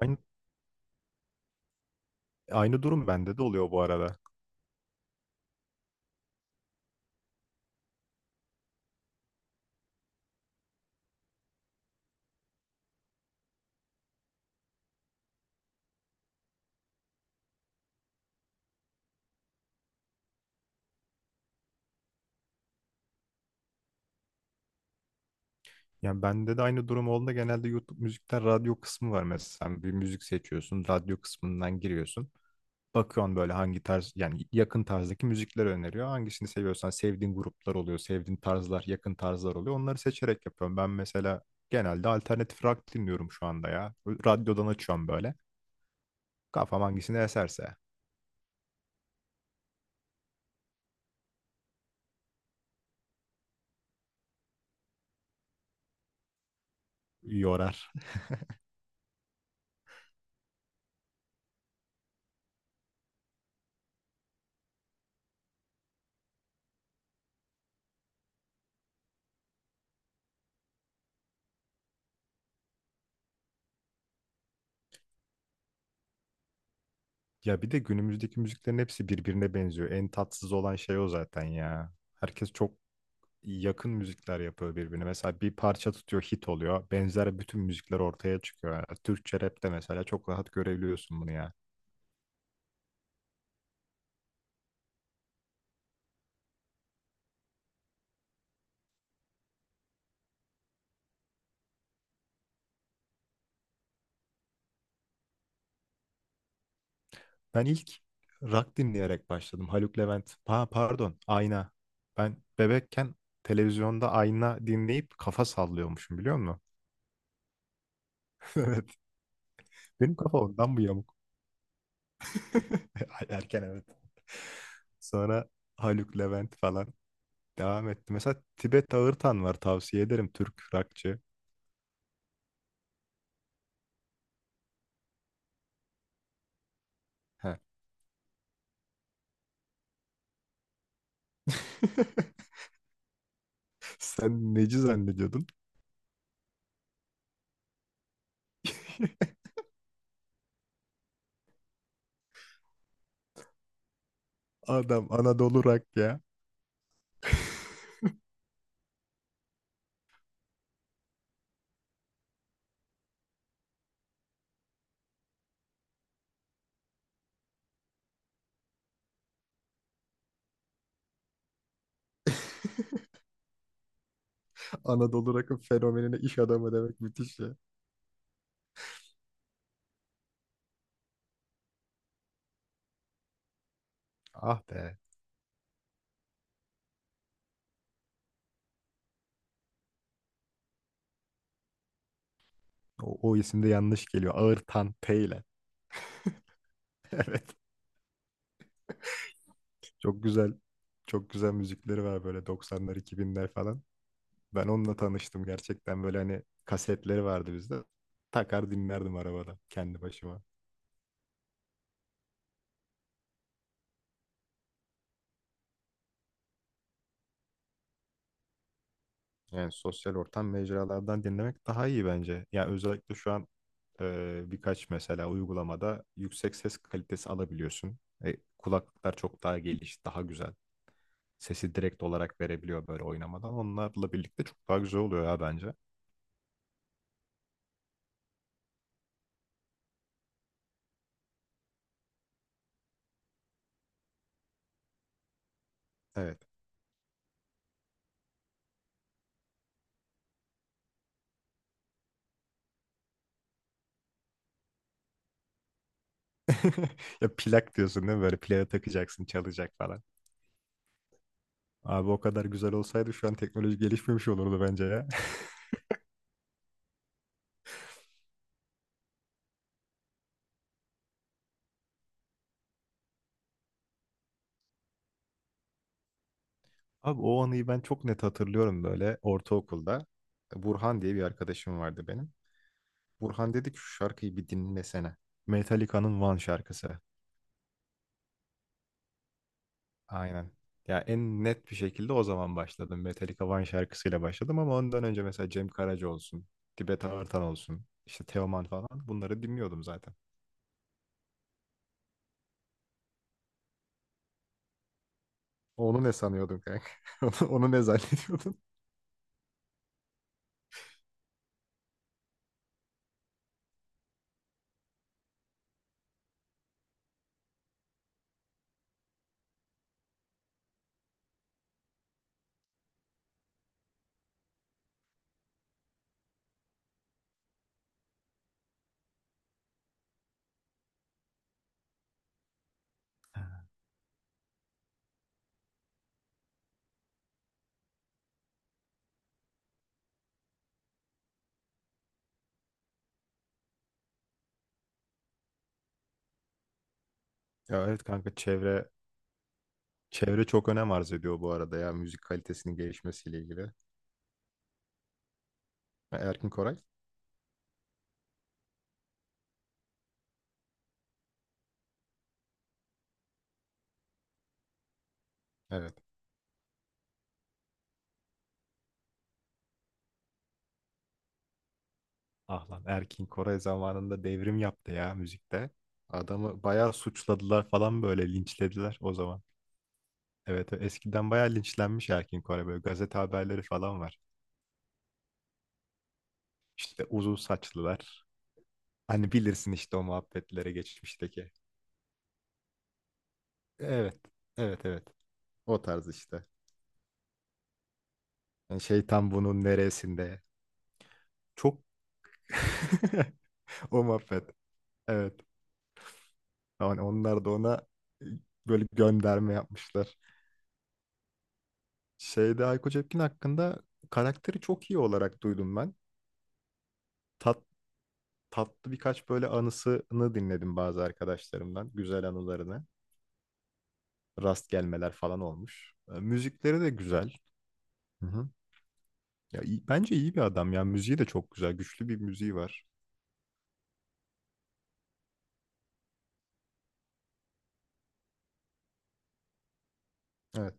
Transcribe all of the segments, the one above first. Aynı, aynı durum bende de oluyor bu arada. Yani bende de aynı durum olduğunda genelde YouTube müzikten radyo kısmı var mesela. Bir müzik seçiyorsun, radyo kısmından giriyorsun. Bakıyorsun böyle hangi tarz, yani yakın tarzdaki müzikler öneriyor. Hangisini seviyorsan sevdiğin gruplar oluyor, sevdiğin tarzlar, yakın tarzlar oluyor. Onları seçerek yapıyorum. Ben mesela genelde alternatif rock dinliyorum şu anda ya. Radyodan açıyorum böyle. Kafam hangisini eserse yorar. Ya bir de günümüzdeki müziklerin hepsi birbirine benziyor. En tatsız olan şey o zaten ya. Herkes çok yakın müzikler yapıyor birbirine. Mesela bir parça tutuyor hit oluyor. Benzer bütün müzikler ortaya çıkıyor. Yani Türkçe rapte mesela çok rahat görebiliyorsun bunu ya. Ben ilk rock dinleyerek başladım. Haluk Levent. Ha, pardon, Ayna. Ben bebekken televizyonda Ayna dinleyip kafa sallıyormuşum biliyor musun? Evet. Benim kafa ondan bu yamuk. Erken evet. Sonra Haluk Levent falan devam etti. Mesela Tibet Ağırtan var tavsiye ederim Türk rockçı. He. Sen neci zannediyordun? Adam Anadolu Rock ya. Anadolu Rock'ın fenomenine iş adamı demek müthiş ya. Ah be. O isim de yanlış geliyor. Ağırtan T ile. Evet. Çok güzel. Çok güzel müzikleri var böyle 90'lar 2000'ler falan. Ben onunla tanıştım gerçekten böyle hani kasetleri vardı bizde. Takar dinlerdim arabada kendi başıma. Yani sosyal ortam mecralardan dinlemek daha iyi bence. Yani özellikle şu an birkaç mesela uygulamada yüksek ses kalitesi alabiliyorsun. Kulaklıklar çok daha daha güzel. Sesi direkt olarak verebiliyor böyle oynamadan. Onlarla birlikte çok daha güzel oluyor ya bence. Evet. Ya plak diyorsun değil mi? Böyle plağa takacaksın, çalacak falan. Abi o kadar güzel olsaydı şu an teknoloji gelişmemiş olurdu bence ya. Abi o anıyı ben çok net hatırlıyorum böyle ortaokulda. Burhan diye bir arkadaşım vardı benim. Burhan dedi ki şu şarkıyı bir dinlesene. Metallica'nın One şarkısı. Aynen. Ya en net bir şekilde o zaman başladım. Metallica One şarkısıyla başladım ama ondan önce mesela Cem Karaca olsun, Tibet Artan olsun, işte Teoman falan bunları dinliyordum zaten. Onu ne sanıyordun kanka? Onu ne zannediyordun? Ya evet kanka çevre çok önem arz ediyor bu arada ya müzik kalitesinin gelişmesiyle ilgili. Erkin Koray. Evet. Ah lan Erkin Koray zamanında devrim yaptı ya müzikte. Adamı bayağı suçladılar falan böyle linçlediler o zaman. Evet, evet, eskiden bayağı linçlenmiş Erkin Koray böyle gazete haberleri falan var. İşte uzun saçlılar. Hani bilirsin işte o muhabbetlere geçmişteki. Evet, evet, evet, o tarz işte. Yani şeytan bunun neresinde? Çok o muhabbet. Evet. Yani onlar da ona e, böyle gönderme yapmışlar. Şeyde Hayko Cepkin hakkında karakteri çok iyi olarak duydum ben. Tat, tatlı birkaç böyle anısını dinledim bazı arkadaşlarımdan. Güzel anılarını. Rast gelmeler falan olmuş. Müzikleri de güzel. Hı hı. Ya, bence iyi bir adam ya. Müziği de çok güzel. Güçlü bir müziği var. Evet.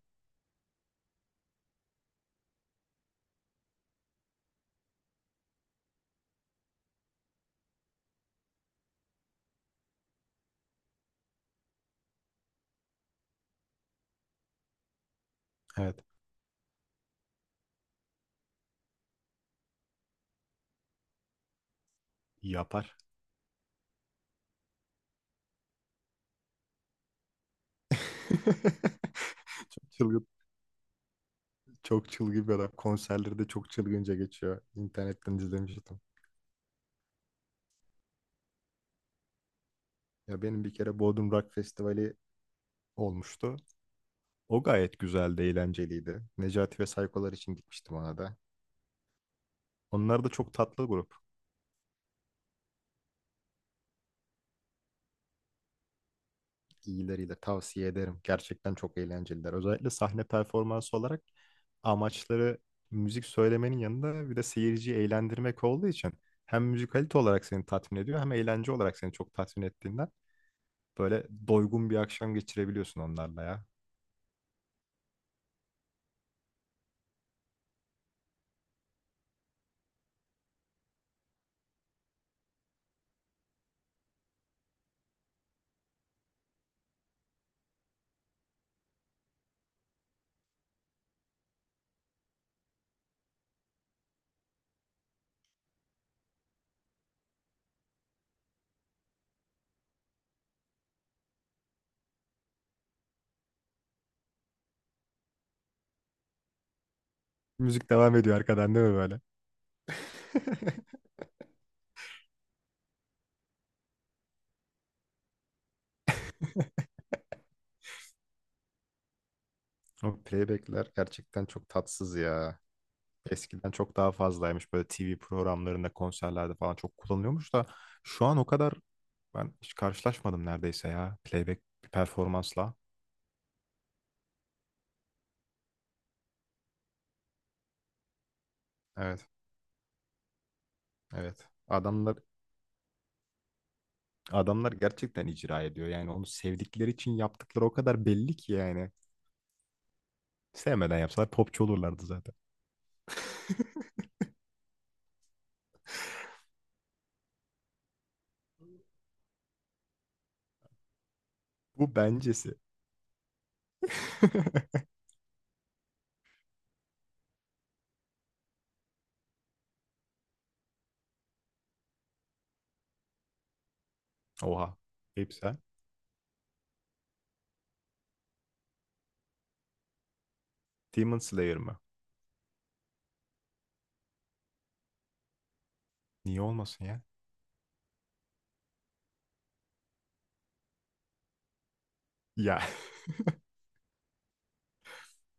Evet. Yapar. Çok çılgın, çok çılgın bir adam. Konserleri de çok çılgınca geçiyor. İnternetten izlemiştim. Ya benim bir kere Bodrum Rock Festivali olmuştu. O gayet güzeldi, eğlenceliydi. Necati ve Saykolar için gitmiştim ona da. Onlar da çok tatlı grup. İyileriyle tavsiye ederim. Gerçekten çok eğlenceliler. Özellikle sahne performansı olarak amaçları müzik söylemenin yanında bir de seyirciyi eğlendirmek olduğu için hem müzikalite olarak seni tatmin ediyor hem eğlence olarak seni çok tatmin ettiğinden böyle doygun bir akşam geçirebiliyorsun onlarla ya. Müzik devam ediyor arkadan değil mi böyle? O playbackler gerçekten çok tatsız ya. Eskiden çok daha fazlaymış. Böyle TV programlarında, konserlerde falan çok kullanılıyormuş da şu an o kadar ben hiç karşılaşmadım neredeyse ya playback bir performansla. Evet, evet. Adamlar gerçekten icra ediyor. Yani onu sevdikleri için yaptıkları o kadar belli ki yani. Sevmeden yapsalar popçu olurlardı zaten. Bu bencesi. Oha. Hepsi ha? Demon Slayer mı? Niye olmasın ya? Ya.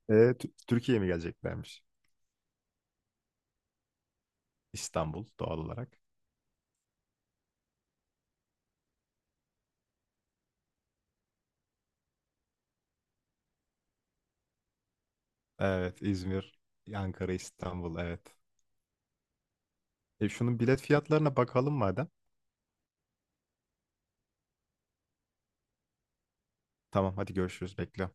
Türkiye'ye mi geleceklermiş? İstanbul doğal olarak. Evet, İzmir, Ankara, İstanbul, evet. Şunun bilet fiyatlarına bakalım madem. Tamam, hadi görüşürüz, bekliyorum.